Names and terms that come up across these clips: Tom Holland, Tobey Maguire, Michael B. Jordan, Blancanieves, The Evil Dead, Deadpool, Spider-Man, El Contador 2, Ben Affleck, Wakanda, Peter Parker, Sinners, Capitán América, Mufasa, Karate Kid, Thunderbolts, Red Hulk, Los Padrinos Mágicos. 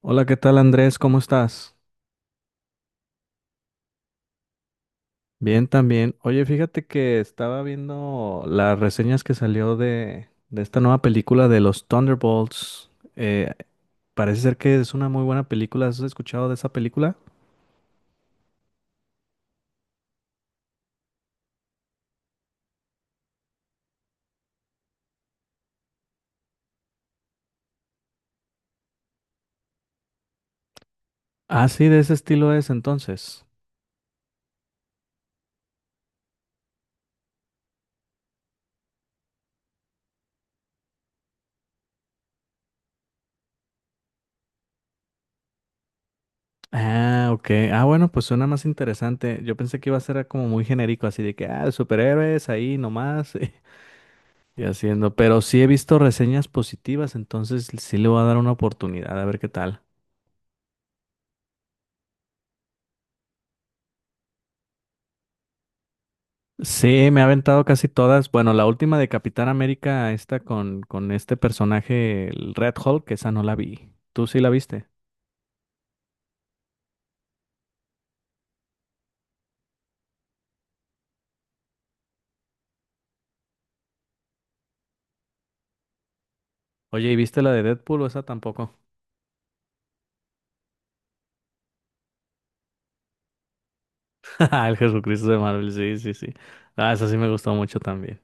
Hola, ¿qué tal Andrés? ¿Cómo estás? Bien, también. Oye, fíjate que estaba viendo las reseñas que salió de esta nueva película de los Thunderbolts. Eh, parece ser que es una muy buena película. ¿Has escuchado de esa película? Ah, sí, de ese estilo es entonces. Ah, ok. Ah, bueno, pues suena más interesante. Yo pensé que iba a ser como muy genérico, así de que, ah, superhéroes ahí nomás y haciendo. Pero sí he visto reseñas positivas, entonces sí le voy a dar una oportunidad a ver qué tal. Sí, me ha aventado casi todas. Bueno, la última de Capitán América, esta con este personaje, el Red Hulk, esa no la vi. ¿Tú sí la viste? Oye, ¿y viste la de Deadpool o esa tampoco? El Jesucristo de Marvel, sí, sí, sí. Ah, esa sí me gustó mucho también.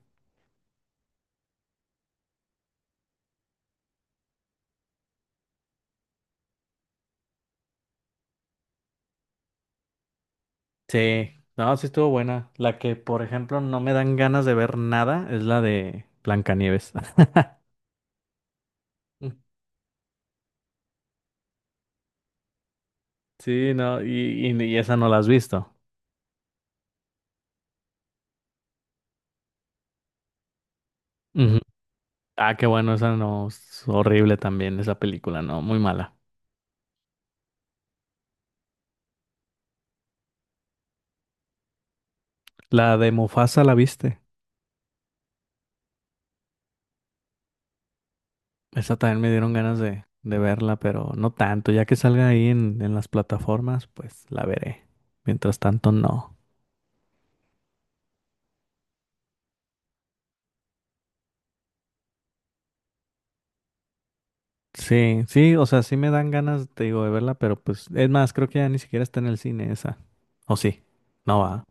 Sí, no, sí estuvo buena. La que, por ejemplo, no me dan ganas de ver nada es la de Blancanieves. Mm. Sí, no, y esa no la has visto. Ujú. Ah, qué bueno, esa no, es horrible también, esa película, no, muy mala. La de Mufasa, ¿la viste? Esa también me dieron ganas de verla, pero no tanto. Ya que salga ahí en las plataformas, pues la veré. Mientras tanto, no. Sí, sí, o sea, sí me dan ganas, te digo, de verla, pero pues, es más, creo que ya ni siquiera está en el cine esa. ¿O sí? No va.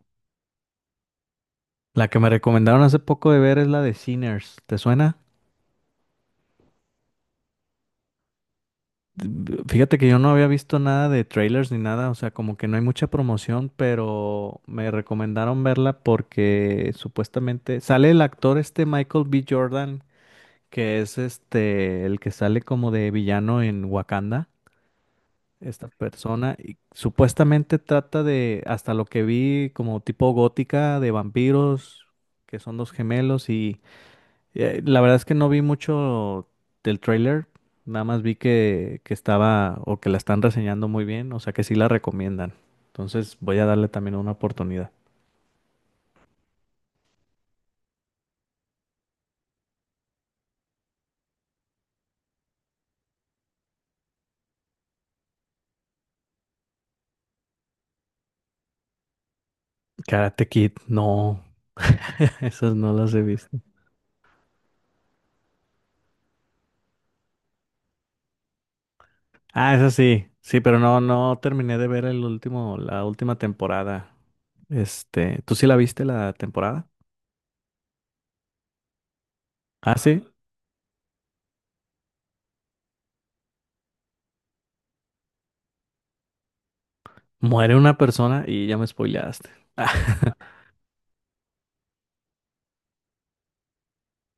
La que me recomendaron hace poco de ver es la de Sinners. ¿Te suena? Fíjate que yo no había visto nada de trailers ni nada, o sea, como que no hay mucha promoción, pero me recomendaron verla porque supuestamente sale el actor este Michael B. Jordan, que es este el que sale como de villano en Wakanda, esta persona, y supuestamente trata de, hasta lo que vi, como tipo gótica de vampiros, que son dos gemelos y la verdad es que no vi mucho del tráiler, nada más vi que estaba o que la están reseñando muy bien, o sea que sí la recomiendan. Entonces voy a darle también una oportunidad. Karate Kid, no, esas no las he visto. Ah, esas sí, sí, pero no, no terminé de ver el último, la última temporada. Este, ¿tú sí la viste la temporada? Ah, sí, muere una persona y ya me spoileaste.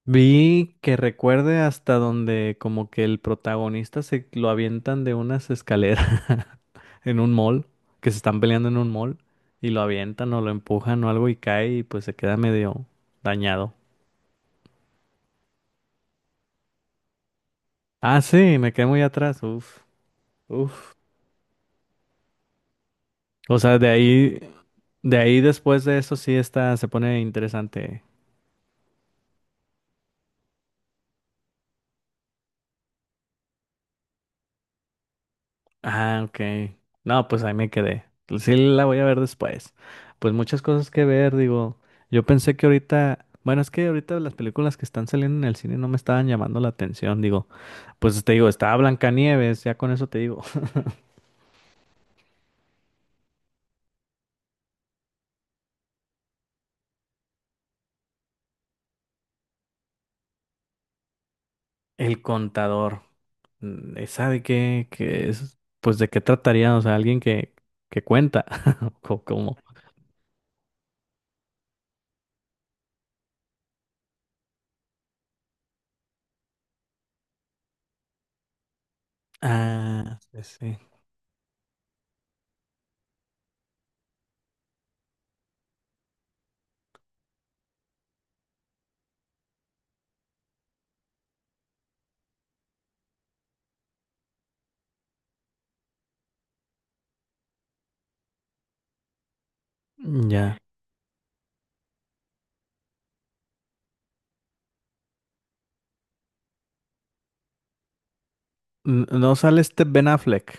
Vi que recuerde hasta donde como que el protagonista se lo avientan de unas escaleras en un mall, que se están peleando en un mall y lo avientan o lo empujan o algo y cae y pues se queda medio dañado. Ah, sí, me quedé muy atrás, uf, uf. O sea, de ahí después de eso sí está, se pone interesante. Ah, ok. No, pues ahí me quedé. Sí la voy a ver después. Pues muchas cosas que ver, digo. Yo pensé que ahorita, bueno, es que ahorita las películas que están saliendo en el cine no me estaban llamando la atención, digo. Pues te digo, estaba Blancanieves, ya con eso te digo. El contador. ¿Esa de qué, qué es? Pues de qué trataría, o sea, alguien que cuenta. Como. Ah, sí, sí. Ya. No sale este Ben Affleck.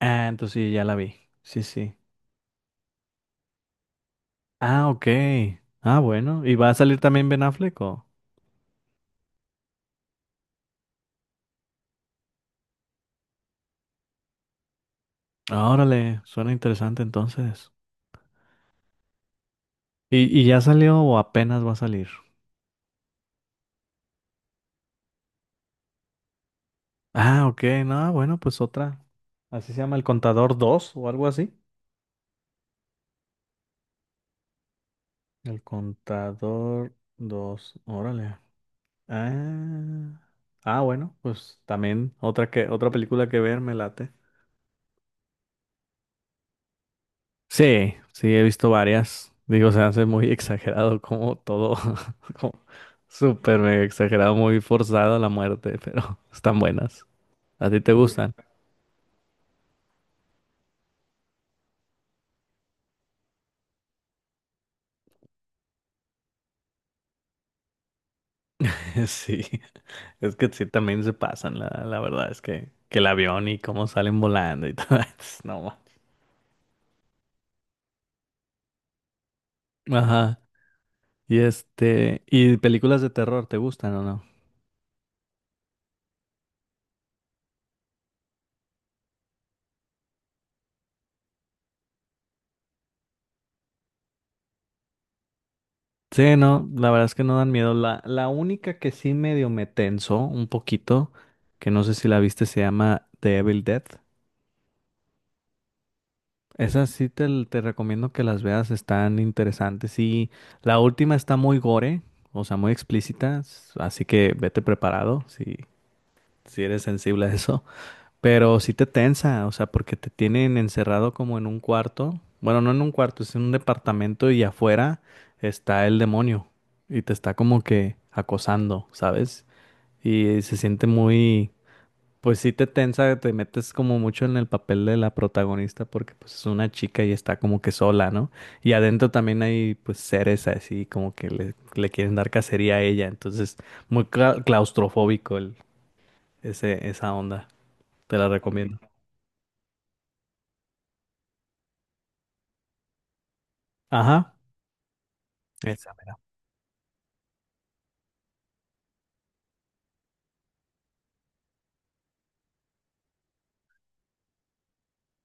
Ah, entonces sí, ya la vi. Sí, sí. Ah, ok. Ah, bueno. ¿Y va a salir también Ben Affleck o? Ah, Órale, suena interesante entonces. ¿Y ya salió o apenas va a salir? Ah, ok. No, bueno, pues otra. Así se llama El Contador dos o algo así. El Contador 2. Órale. Ah, ah, bueno, pues también otra que otra película que ver me late. Sí, sí, he visto varias. Digo, se hace muy exagerado como todo, como súper mega exagerado, muy forzado la muerte, pero están buenas. ¿A ti te, sí, gustan? Sí, es que sí, también se pasan, la verdad es que el avión y cómo salen volando y todo eso, no. Ajá, y este, ¿y películas de terror te gustan o no? Sí, no, la verdad es que no dan miedo. La única que sí medio me tensó un poquito, que no sé si la viste, se llama The Evil Dead. Esas sí te recomiendo que las veas, están interesantes. Y la última está muy gore, o sea, muy explícita, así que vete preparado si eres sensible a eso. Pero sí te tensa, o sea, porque te tienen encerrado como en un cuarto. Bueno, no en un cuarto, es en un departamento y afuera está el demonio y te está como que acosando, ¿sabes? Y se siente muy... Pues sí te tensa, te metes como mucho en el papel de la protagonista porque pues es una chica y está como que sola, ¿no? Y adentro también hay pues seres así como que le quieren dar cacería a ella, entonces muy claustrofóbico esa onda, te la recomiendo. Ajá. Esa, mira.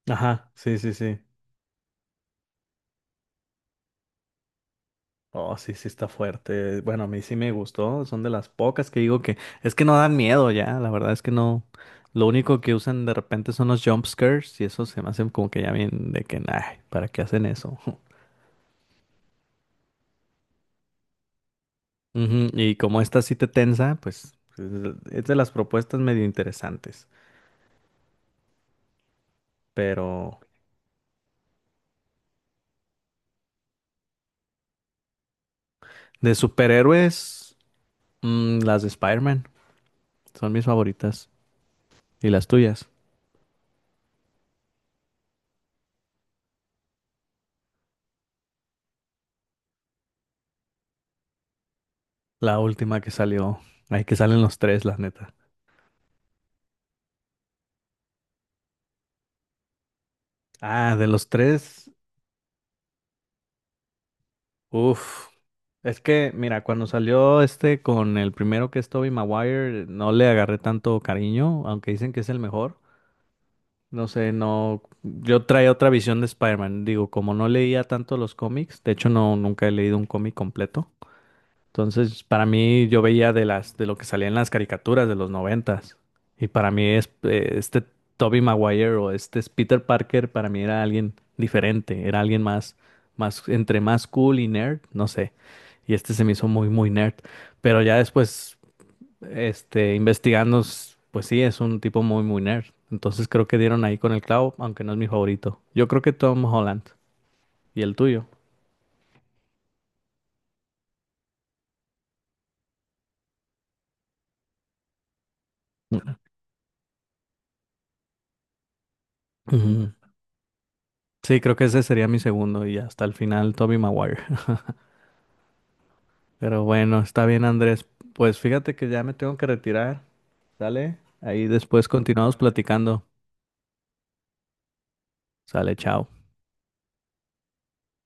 Ajá, sí, sí, sí. Oh, sí, sí está fuerte. Bueno, a mí sí me gustó. Son de las pocas que digo que es que no dan miedo ya. La verdad es que no. Lo único que usan de repente son los jump scares y eso se me hacen como que ya bien de que, nah, ¿para qué hacen eso? Ujú, y como esta sí te tensa, pues es de las propuestas medio interesantes. Pero de superhéroes, las de Spider-Man son mis favoritas. ¿Y las tuyas? La última que salió. Ay, que salen los tres, la neta. Ah, de los tres. Uf, es que mira, cuando salió este con el primero que es Tobey Maguire, no le agarré tanto cariño, aunque dicen que es el mejor. No sé, no, yo traía otra visión de Spider-Man. Digo, como no leía tanto los cómics, de hecho no, nunca he leído un cómic completo. Entonces, para mí, yo veía de lo que salía en las caricaturas de los noventas. Y para mí es este Tobey Maguire o este es Peter Parker, para mí era alguien diferente, era alguien más, más, entre más cool y nerd, no sé. Y este se me hizo muy, muy nerd. Pero ya después, este, investigando, pues sí, es un tipo muy, muy nerd. Entonces creo que dieron ahí con el clavo, aunque no es mi favorito. Yo creo que Tom Holland. ¿Y el tuyo? Ujú. Sí, creo que ese sería mi segundo y hasta el final Toby Maguire. Pero bueno, está bien Andrés. Pues fíjate que ya me tengo que retirar, ¿sale? Ahí después continuamos platicando. Sale, chao.